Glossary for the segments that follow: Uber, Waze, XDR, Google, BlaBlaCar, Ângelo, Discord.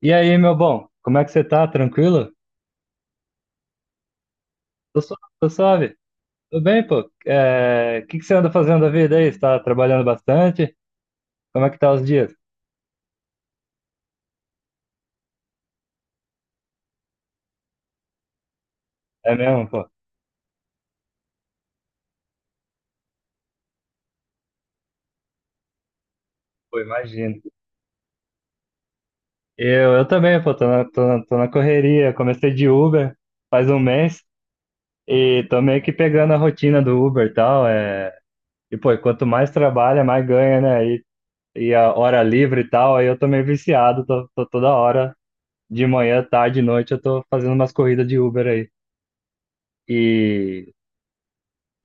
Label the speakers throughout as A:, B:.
A: E aí, meu bom, como é que você tá? Tranquilo? Tô suave. Tudo bem, pô? É, o que que você anda fazendo da vida aí? Você tá trabalhando bastante? Como é que tá os dias? É mesmo, pô? Pô, imagino. Eu também, pô, tô na correria. Comecei de Uber faz um mês e tô meio que pegando a rotina do Uber e tal. E, pô, quanto mais trabalha, mais ganha, né? E a hora livre e tal, aí eu tô meio viciado, tô toda hora, de manhã, tarde, noite, eu tô fazendo umas corridas de Uber aí. E,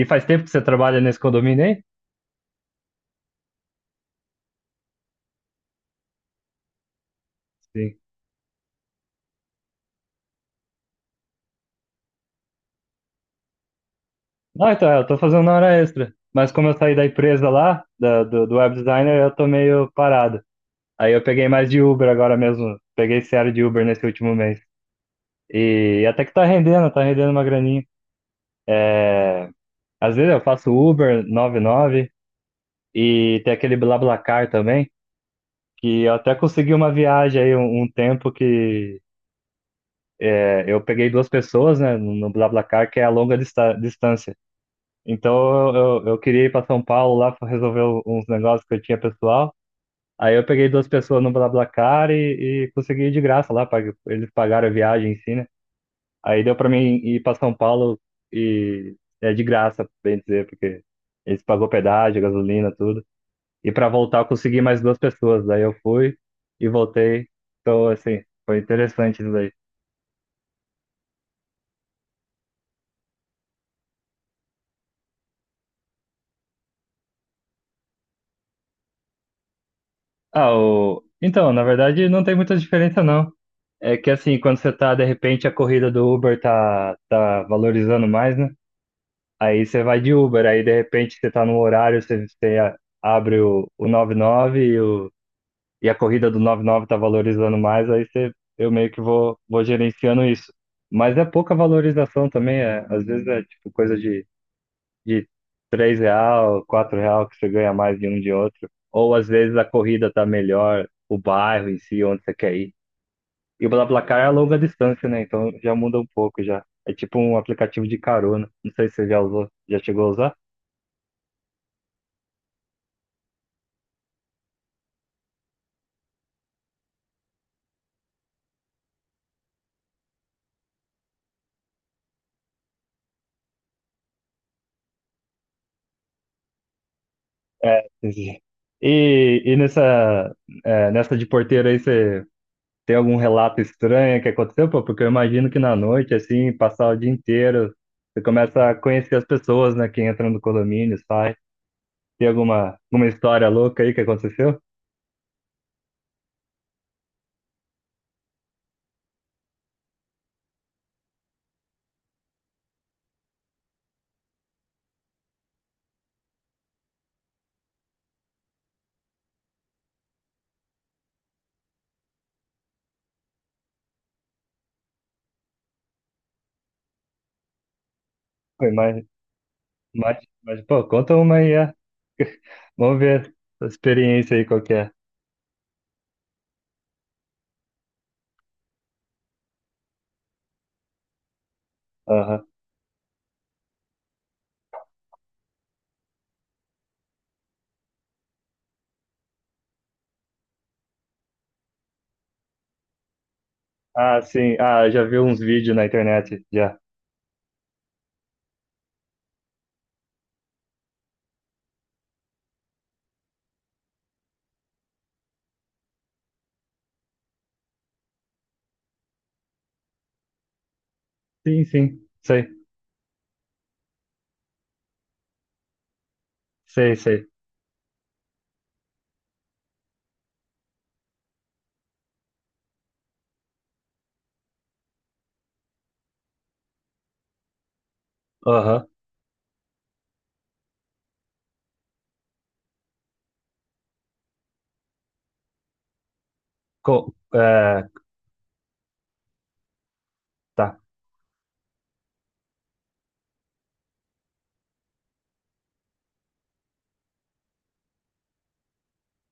A: e faz tempo que você trabalha nesse condomínio aí? Sim. Não, então, eu tô fazendo hora extra. Mas como eu saí da empresa lá, do web designer, eu tô meio parado. Aí eu peguei mais de Uber agora mesmo. Peguei sério de Uber nesse último mês. E até que tá rendendo uma graninha. É, às vezes eu faço Uber 99 e tem aquele BlaBlaCar também, que eu até consegui uma viagem aí um tempo que eu peguei duas pessoas, né, no BlaBlaCar, que é a longa distância. Então eu queria ir para São Paulo lá para resolver uns negócios que eu tinha pessoal. Aí eu peguei duas pessoas no BlaBlaCar e consegui ir de graça lá, eles pagaram a viagem em si, né? Aí deu para mim ir para São Paulo e é de graça, bem dizer, porque eles pagou pedágio, gasolina, tudo. E para voltar eu consegui mais duas pessoas, daí eu fui e voltei. Então, assim, foi interessante isso daí. Ah, então, na verdade, não tem muita diferença, não. É que assim, quando você tá, de repente, a corrida do Uber tá valorizando mais, né? Aí você vai de Uber, aí de repente você tá no horário, você abre o 99, e, nove e, o, e a corrida do 99 tá valorizando mais, eu meio que vou gerenciando isso. Mas é pouca valorização também, às vezes é tipo coisa de 3 real, 4 real que você ganha mais de um de outro. Ou às vezes a corrida tá melhor, o bairro em si, onde você quer ir. E o BlaBlaCar é a longa distância, né? Então já muda um pouco já. É tipo um aplicativo de carona. Não sei se você já usou, já chegou a usar? E, e nessa, nessa de porteiro aí, você tem algum relato estranho que aconteceu? Pô, porque eu imagino que na noite, assim, passar o dia inteiro, você começa a conhecer as pessoas, né? Que entram no condomínio, sai. Tem alguma história louca aí que aconteceu? Foi mais, mais, mais, Pô, conta uma aí. Vamos ver a experiência aí qual que é. Aham. Ah, sim. Ah, já vi uns vídeos na internet, já. Sim, sim. Sei, sei, sei. Aham. É, tá.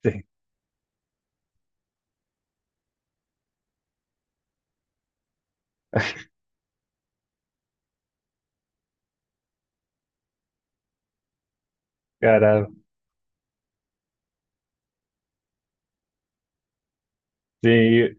A: Sim. Caramba. Sim.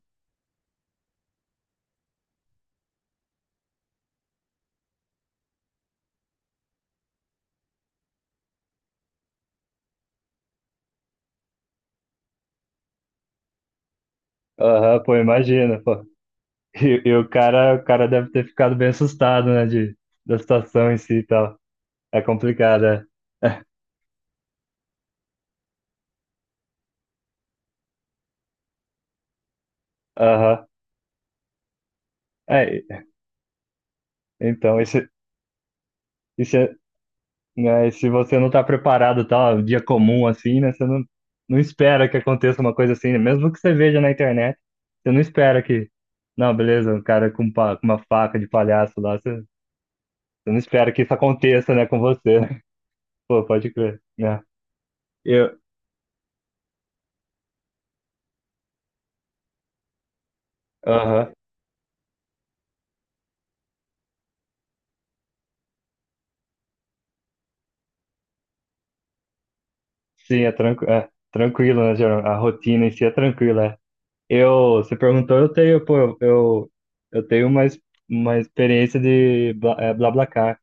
A: Aham, pô, imagina, pô. E o cara deve ter ficado bem assustado, né, da situação em si e tal. É complicado, é. Aham. É, então, isso, isso, né? E se você não tá preparado, tá, um dia comum assim, né? Você não espera que aconteça uma coisa assim, né? Mesmo que você veja na internet, você não espera que, não, beleza, um cara com uma faca de palhaço lá, você não espera que isso aconteça, né, com você, né? Pô, pode crer, né? Eu, aham, sim, é, tranqu é tranquilo, né, geral, a rotina em si é tranquila, é. Você perguntou, eu tenho, pô, eu tenho uma experiência de BlaBlaCar,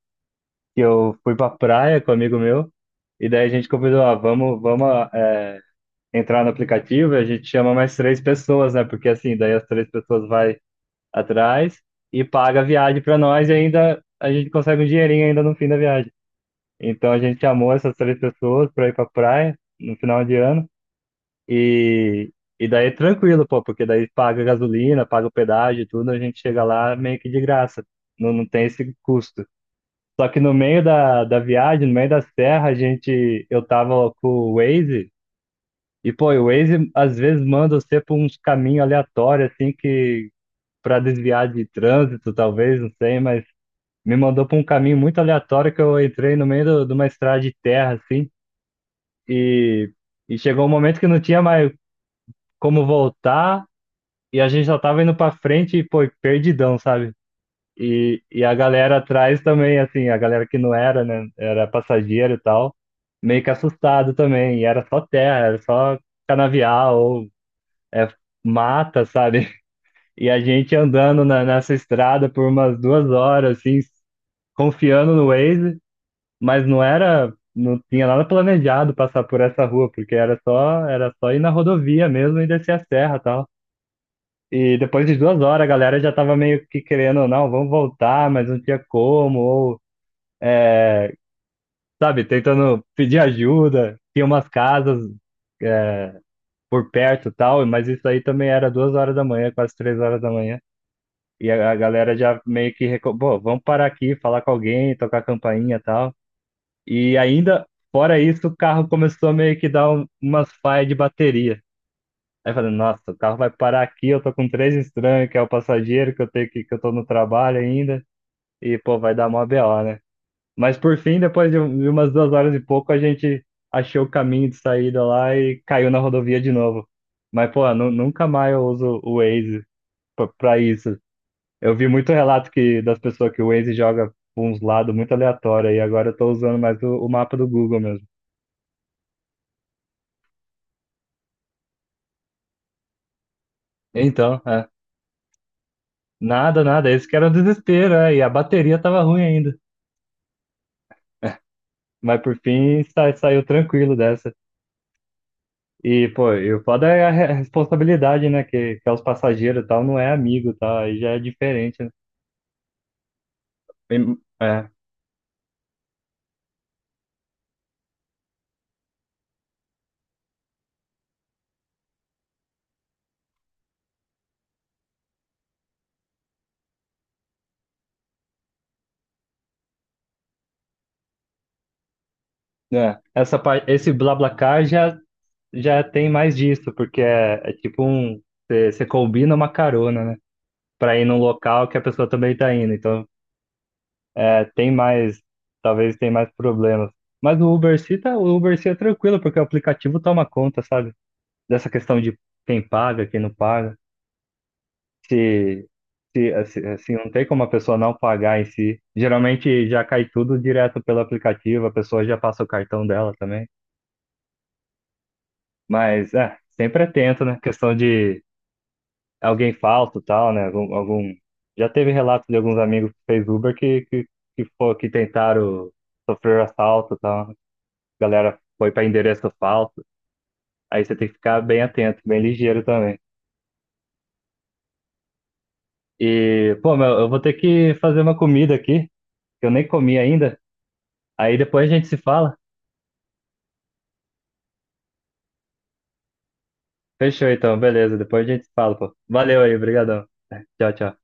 A: que eu fui pra praia com um amigo meu, e daí a gente convidou, ah, vamos é, entrar no aplicativo e a gente chama mais três pessoas, né? Porque assim, daí as três pessoas vai atrás e paga a viagem pra nós e ainda a gente consegue um dinheirinho ainda no fim da viagem. Então a gente chamou essas três pessoas pra ir pra praia no final de ano e, e daí é tranquilo, pô, porque daí paga gasolina, paga o pedágio e tudo, a gente chega lá meio que de graça. Não tem esse custo. Só que no meio da viagem, no meio da serra, eu tava com o Waze, e pô, o Waze às vezes manda você por uns caminhos aleatórios, assim, que pra desviar de trânsito, talvez, não sei, mas me mandou pra um caminho muito aleatório que eu entrei no meio de uma estrada de terra, assim, e, e chegou um momento que não tinha mais como voltar, e a gente só tava indo pra frente e, pô, perdidão, sabe? E a galera atrás também, assim, a galera que não era, né? Era passageiro e tal, meio que assustado também. E era só terra, era só canavial ou é, mata, sabe? E a gente andando nessa estrada por umas 2 horas, assim, confiando no Waze, mas não tinha nada planejado passar por essa rua, porque era só ir na rodovia mesmo e descer a serra e tal. E depois de 2 horas, a galera já tava meio que querendo, não, vamos voltar, mas não tinha como, ou sabe, tentando pedir ajuda. Tinha umas casas é, por perto e tal, mas isso aí também era 2 horas da manhã, quase 3 horas da manhã. E a galera já meio que. Pô, vamos parar aqui, falar com alguém, tocar campainha e tal. E ainda, fora isso, o carro começou a meio que dar umas falhas de bateria. Aí eu falei, nossa, o carro vai parar aqui, eu tô com três estranhos, que é o passageiro, que eu tô no trabalho ainda, e pô, vai dar mó BO, né? Mas por fim, depois de umas 2 horas e pouco, a gente achou o caminho de saída lá e caiu na rodovia de novo. Mas, pô, nunca mais eu uso o Waze pra isso. Eu vi muito relato que, das pessoas que o Waze joga pra uns lados muito aleatórios, e agora eu tô usando mais o mapa do Google mesmo. Então, nada, nada, esse que era o desespero, e a bateria tava ruim ainda. Mas por fim, saiu tranquilo dessa. E, pô, e o foda é a responsabilidade, né? Que é os passageiros e tal, não é amigo, tá? Aí já é diferente, né? É, é. Esse BlaBlaCar já, já tem mais disso, porque é tipo um. Você combina uma carona, né? Pra ir num local que a pessoa também tá indo. Então, tem mais. Talvez tem mais problemas. Mas o Uber se tá, o Uber se é tranquilo, porque o aplicativo toma conta, sabe? Dessa questão de quem paga, quem não paga. se, se, assim, assim, não tem como a pessoa não pagar em si. Geralmente já cai tudo direto pelo aplicativo, a pessoa já passa o cartão dela também. Mas sempre atento, né? Questão de alguém falso e tal, né? Algum... Já teve relato de alguns amigos que fez Uber que tentaram sofrer assalto e tal, né? Galera foi para endereço falso. Aí você tem que ficar bem atento, bem ligeiro também. E, pô, meu, eu vou ter que fazer uma comida aqui, que eu nem comi ainda. Aí depois a gente se fala. Fechou então, beleza. Depois a gente fala, pô. Valeu aí, brigadão. Tchau, tchau.